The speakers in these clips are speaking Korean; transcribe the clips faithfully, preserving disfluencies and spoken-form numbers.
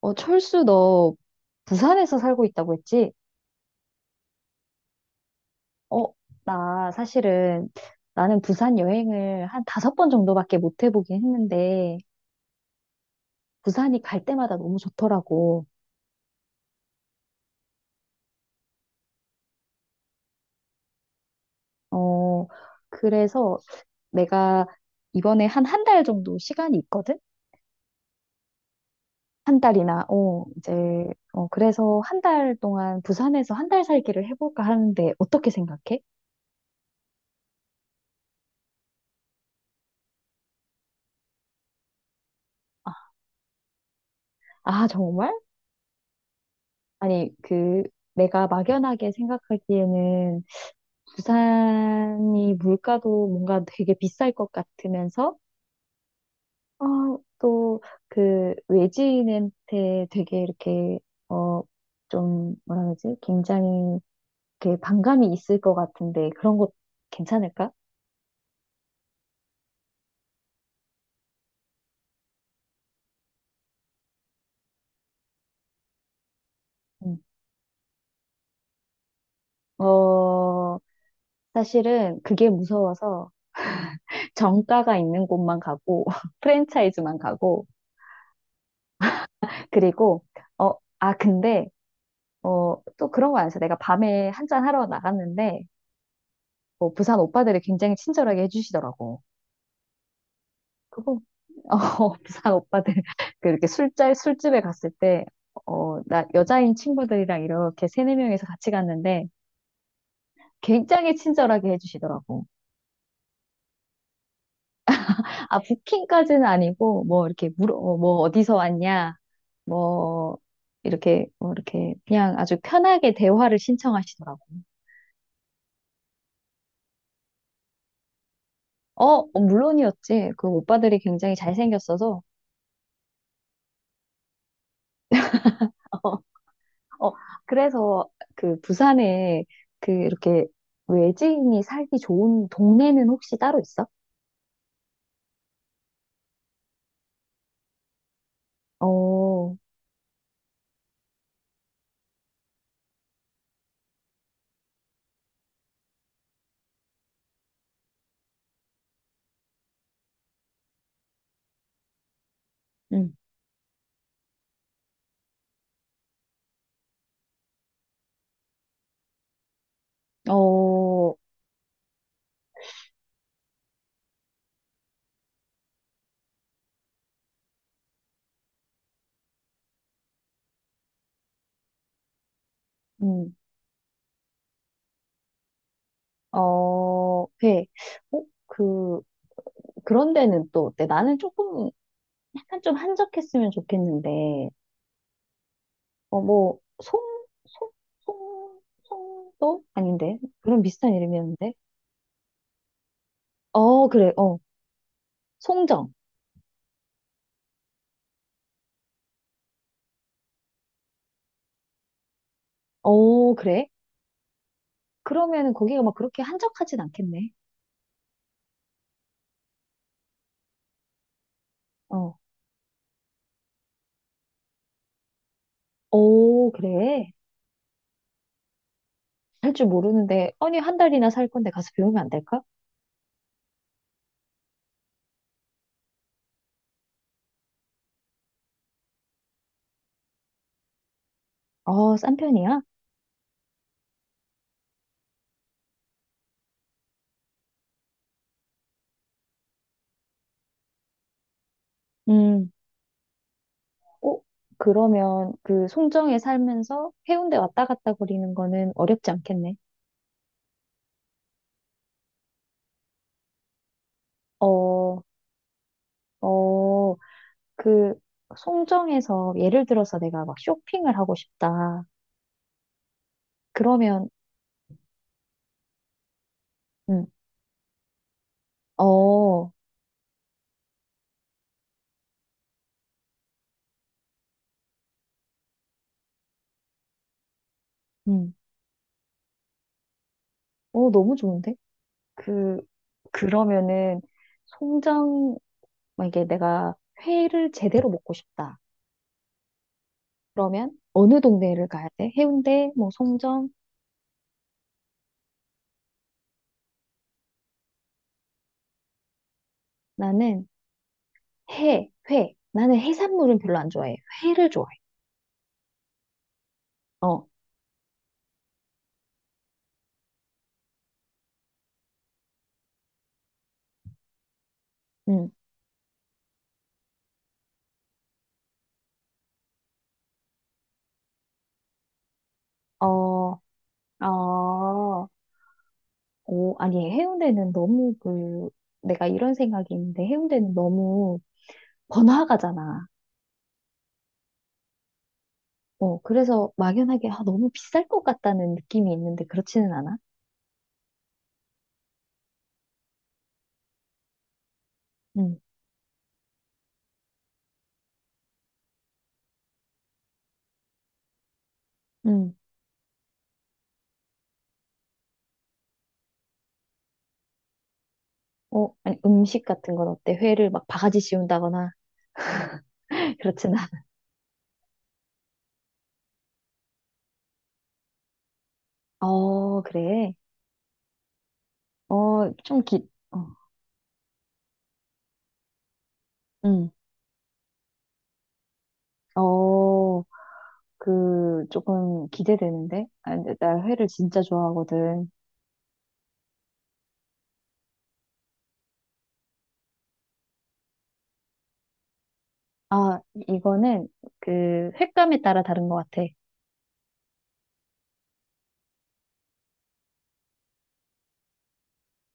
어, 철수, 너 부산에서 살고 있다고 했지? 어, 나 사실은 나는 부산 여행을 한 다섯 번 정도밖에 못 해보긴 했는데, 부산이 갈 때마다 너무 좋더라고. 어, 그래서 내가 이번에 한 한 달 정도 시간이 있거든? 한 달이나, 어, 이제, 어, 그래서 한 달 동안 부산에서 한 달 살기를 해볼까 하는데, 어떻게 생각해? 아, 아, 정말? 아니, 그, 내가 막연하게 생각하기에는 부산이 물가도 뭔가 되게 비쌀 것 같으면서, 어, 또 그 외지인한테 되게 이렇게, 어, 좀, 뭐라 그러지? 굉장히 이렇게 반감이 있을 것 같은데, 그런 거 괜찮을까? 음. 어, 사실은 그게 무서워서 정가가 있는 곳만 가고, 프랜차이즈만 가고, 그리고, 어, 아, 근데, 어, 또 그런 거 아니야. 내가 밤에 한 잔 하러 나갔는데, 뭐 부산 오빠들이 굉장히 친절하게 해주시더라고. 그거, 어, 부산 오빠들, 그 이렇게 술자, 술집에 갔을 때, 어, 나 여자인 친구들이랑 이렇게 세네 명이서 같이 갔는데, 굉장히 친절하게 해주시더라고. 아, 부킹까지는 아니고, 뭐, 이렇게 물어, 어, 뭐, 어디서 왔냐, 뭐, 이렇게, 뭐, 이렇게, 그냥 아주 편하게 대화를 신청하시더라고. 어, 어, 물론이었지. 그 오빠들이 굉장히 잘생겼어서, 어, 그래서 그 부산에 그 이렇게 외지인이 살기 좋은 동네는 혹시 따로 있어? 어, 음, 어, 음, 어, 회. 어, 그, 그런 데는 또 어때? 나는 조금, 약간 좀 한적했으면 좋겠는데, 어, 뭐, 송, 송, 송, 송도? 아닌데? 그런 비슷한 이름이었는데? 어, 그래, 어. 송정. 어, 그래? 그러면은 거기가 막 그렇게 한적하진 않겠네. 어. 오, 그래? 할 줄 모르는데, 아니, 한 달이나 살 건데 가서 배우면 안 될까? 어, 싼 편이야? 음, 어, 그러면 그 송정에 살면서 해운대 왔다 갔다 거리는 거는 어렵지 않겠네. 어, 어, 그 송정에서 예를 들어서 내가 막 쇼핑을 하고 싶다. 그러면, 음, 어, 음, 어, 너무 좋은데? 그, 그러면은 송정, 만 이게 내가 회를 제대로 먹고 싶다. 그러면 어느 동네를 가야 돼? 해운대, 뭐 송정? 나는 해, 회. 나는 해산물은 별로 안 좋아해. 회를 좋아해. 어, 응. 어, 어. 오, 아니, 해운대는 너무 그, 내가 이런 생각이 있는데 해운대는 너무 번화가잖아. 어, 그래서 막연하게 아, 너무 비쌀 것 같다는 느낌이 있는데 그렇지는 않아. 응, 응. 어, 아니, 음식 같은 건 어때? 회를 막 바가지 씌운다거나 그렇지는 않아. 어, 그래. 어, 좀 기, 어. 응. 어, 그, 조금 기대되는데? 아, 근데 나 회를 진짜 좋아하거든. 아, 이거는 그 횟감에 따라 다른 것 같아.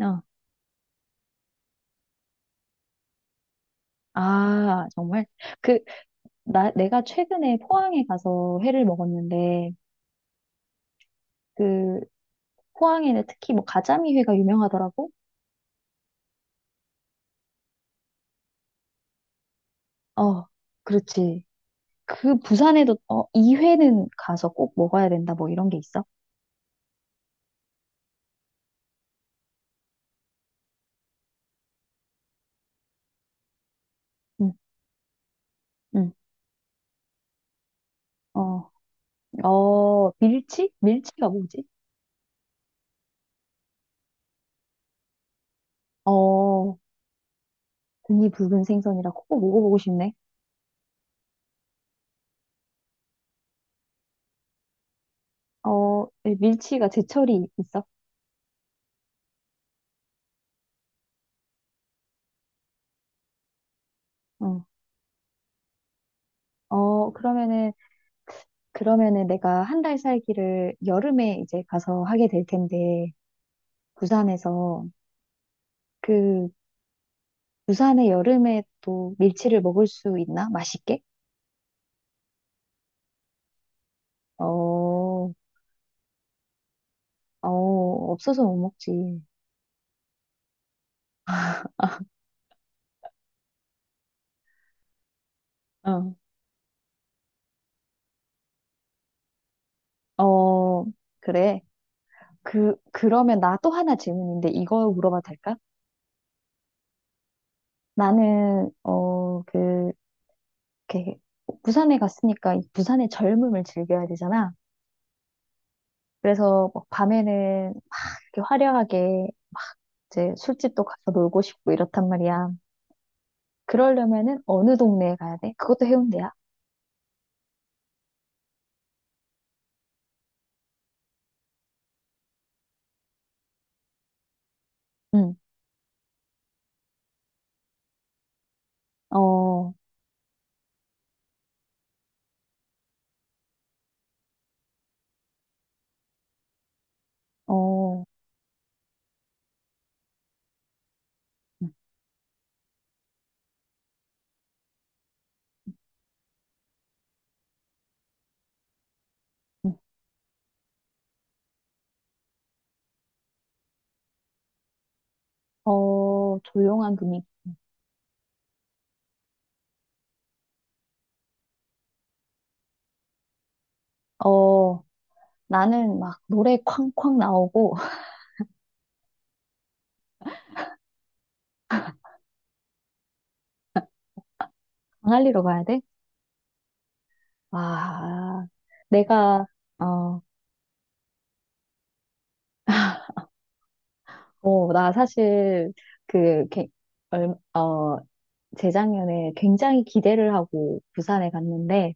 어. 아, 정말? 그, 나, 내가 최근에 포항에 가서 회를 먹었는데, 그, 포항에는 특히 뭐 가자미 회가 유명하더라고? 어, 그렇지. 그 부산에도, 어, 이 회는 가서 꼭 먹어야 된다, 뭐 이런 게 있어? 응, 응. 어, 어, 밀치? 밀치가 뭐지? 어. 등이 붉은 생선이라 꼭 먹어보고 싶네. 어, 밀치가 제철이 있어. 어, 어, 그러면은, 그러면은 내가 한 달 살기를 여름에 이제 가서 하게 될 텐데, 부산에서, 그, 부산의 여름에 또 밀치를 먹을 수 있나? 맛있게? 어, 어, 없어서 못 먹지. 어, 어, 그래. 그, 그러면 나 또 하나 질문인데, 이거 물어봐도 될까? 나는, 어, 그, 이렇게 부산에 갔으니까 이 부산의 젊음을 즐겨야 되잖아. 그래서 막 밤에는 이렇게 화려하게 이제 술집도 가서 놀고 싶고 이렇단 말이야. 그러려면은 어느 동네에 가야 돼? 그것도 해운대야. 응. 어, 어, 응, 응. 어, 조용한 분위기. 어, 나는 막 노래 쾅쾅 나오고 광안리로 가야 돼? 와, 내가 어, 어, 나 사실 그, 이렇게 얼- 어, 재작년에 굉장히 기대를 하고 부산에 갔는데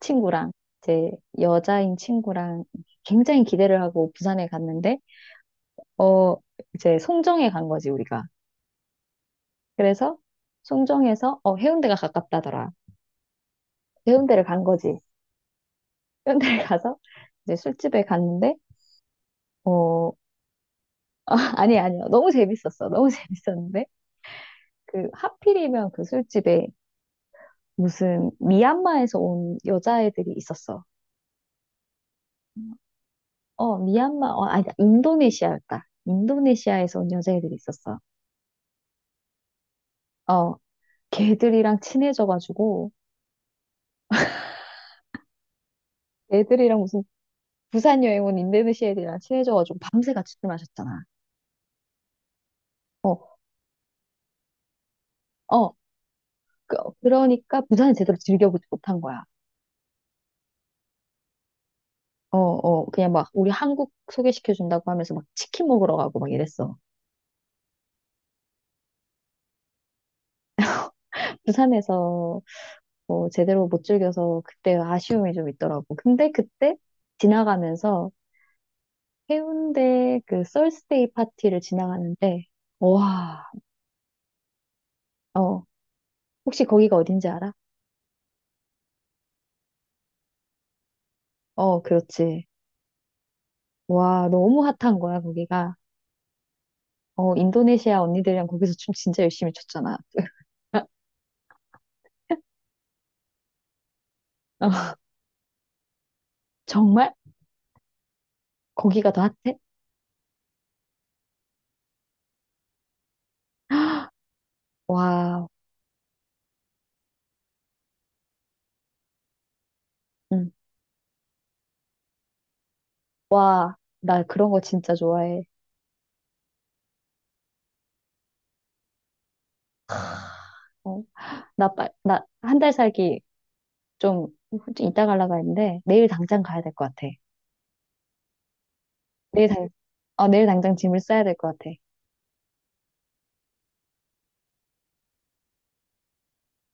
친구랑 제 여자인 친구랑 굉장히 기대를 하고 부산에 갔는데 어 이제 송정에 간 거지 우리가. 그래서 송정에서 어 해운대가 가깝다더라. 해운대를 간 거지. 해운대를 가서 이제 술집에 갔는데 어 아니 아니요 너무 재밌었어. 너무 재밌었는데 그 하필이면 그 술집에 무슨 미얀마에서 온 여자애들이 있었어. 어, 미얀마, 어, 아니, 인도네시아였다. 인도네시아에서 온 여자애들이 있었어. 어, 걔들이랑 친해져가지고, 애들이랑 무슨 부산 여행 온 인도네시아 애들이랑 친해져가지고 밤새 같이 술 마셨잖아. 어, 어, 그, 그러니까 부산을 제대로 즐겨보지 못한 거야. 어, 어, 그냥 막 우리 한국 소개시켜준다고 하면서 막 치킨 먹으러 가고 막 이랬어. 부산에서 뭐 제대로 못 즐겨서 그때 아쉬움이 좀 있더라고. 근데 그때 지나가면서 해운대 그 썰스데이 파티를 지나가는데, 와, 어, 혹시 거기가 어딘지 알아? 어, 그렇지. 와, 너무 핫한 거야, 거기가. 어, 인도네시아 언니들이랑 거기서 춤 진짜 열심히 췄잖아. 어, 정말? 거기가 더 핫해? 와, 응. 나 그런 거 진짜 좋아해. 어, 나, 빨, 나, 한 달 살기 좀, 좀 이따 가려고 했는데, 내일 당장 가야 될 것 같아. 내일 당, 어, 내일 당장 짐을 싸야 될 것 같아.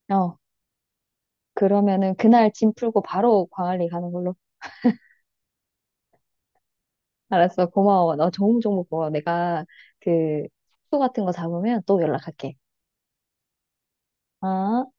어. 그러면은 그날 짐 풀고 바로 광안리 가는 걸로. 알았어. 고마워. 너 좋은 정보 고마워. 내가 그 숙소 같은 거 잡으면 또 연락할게. 어?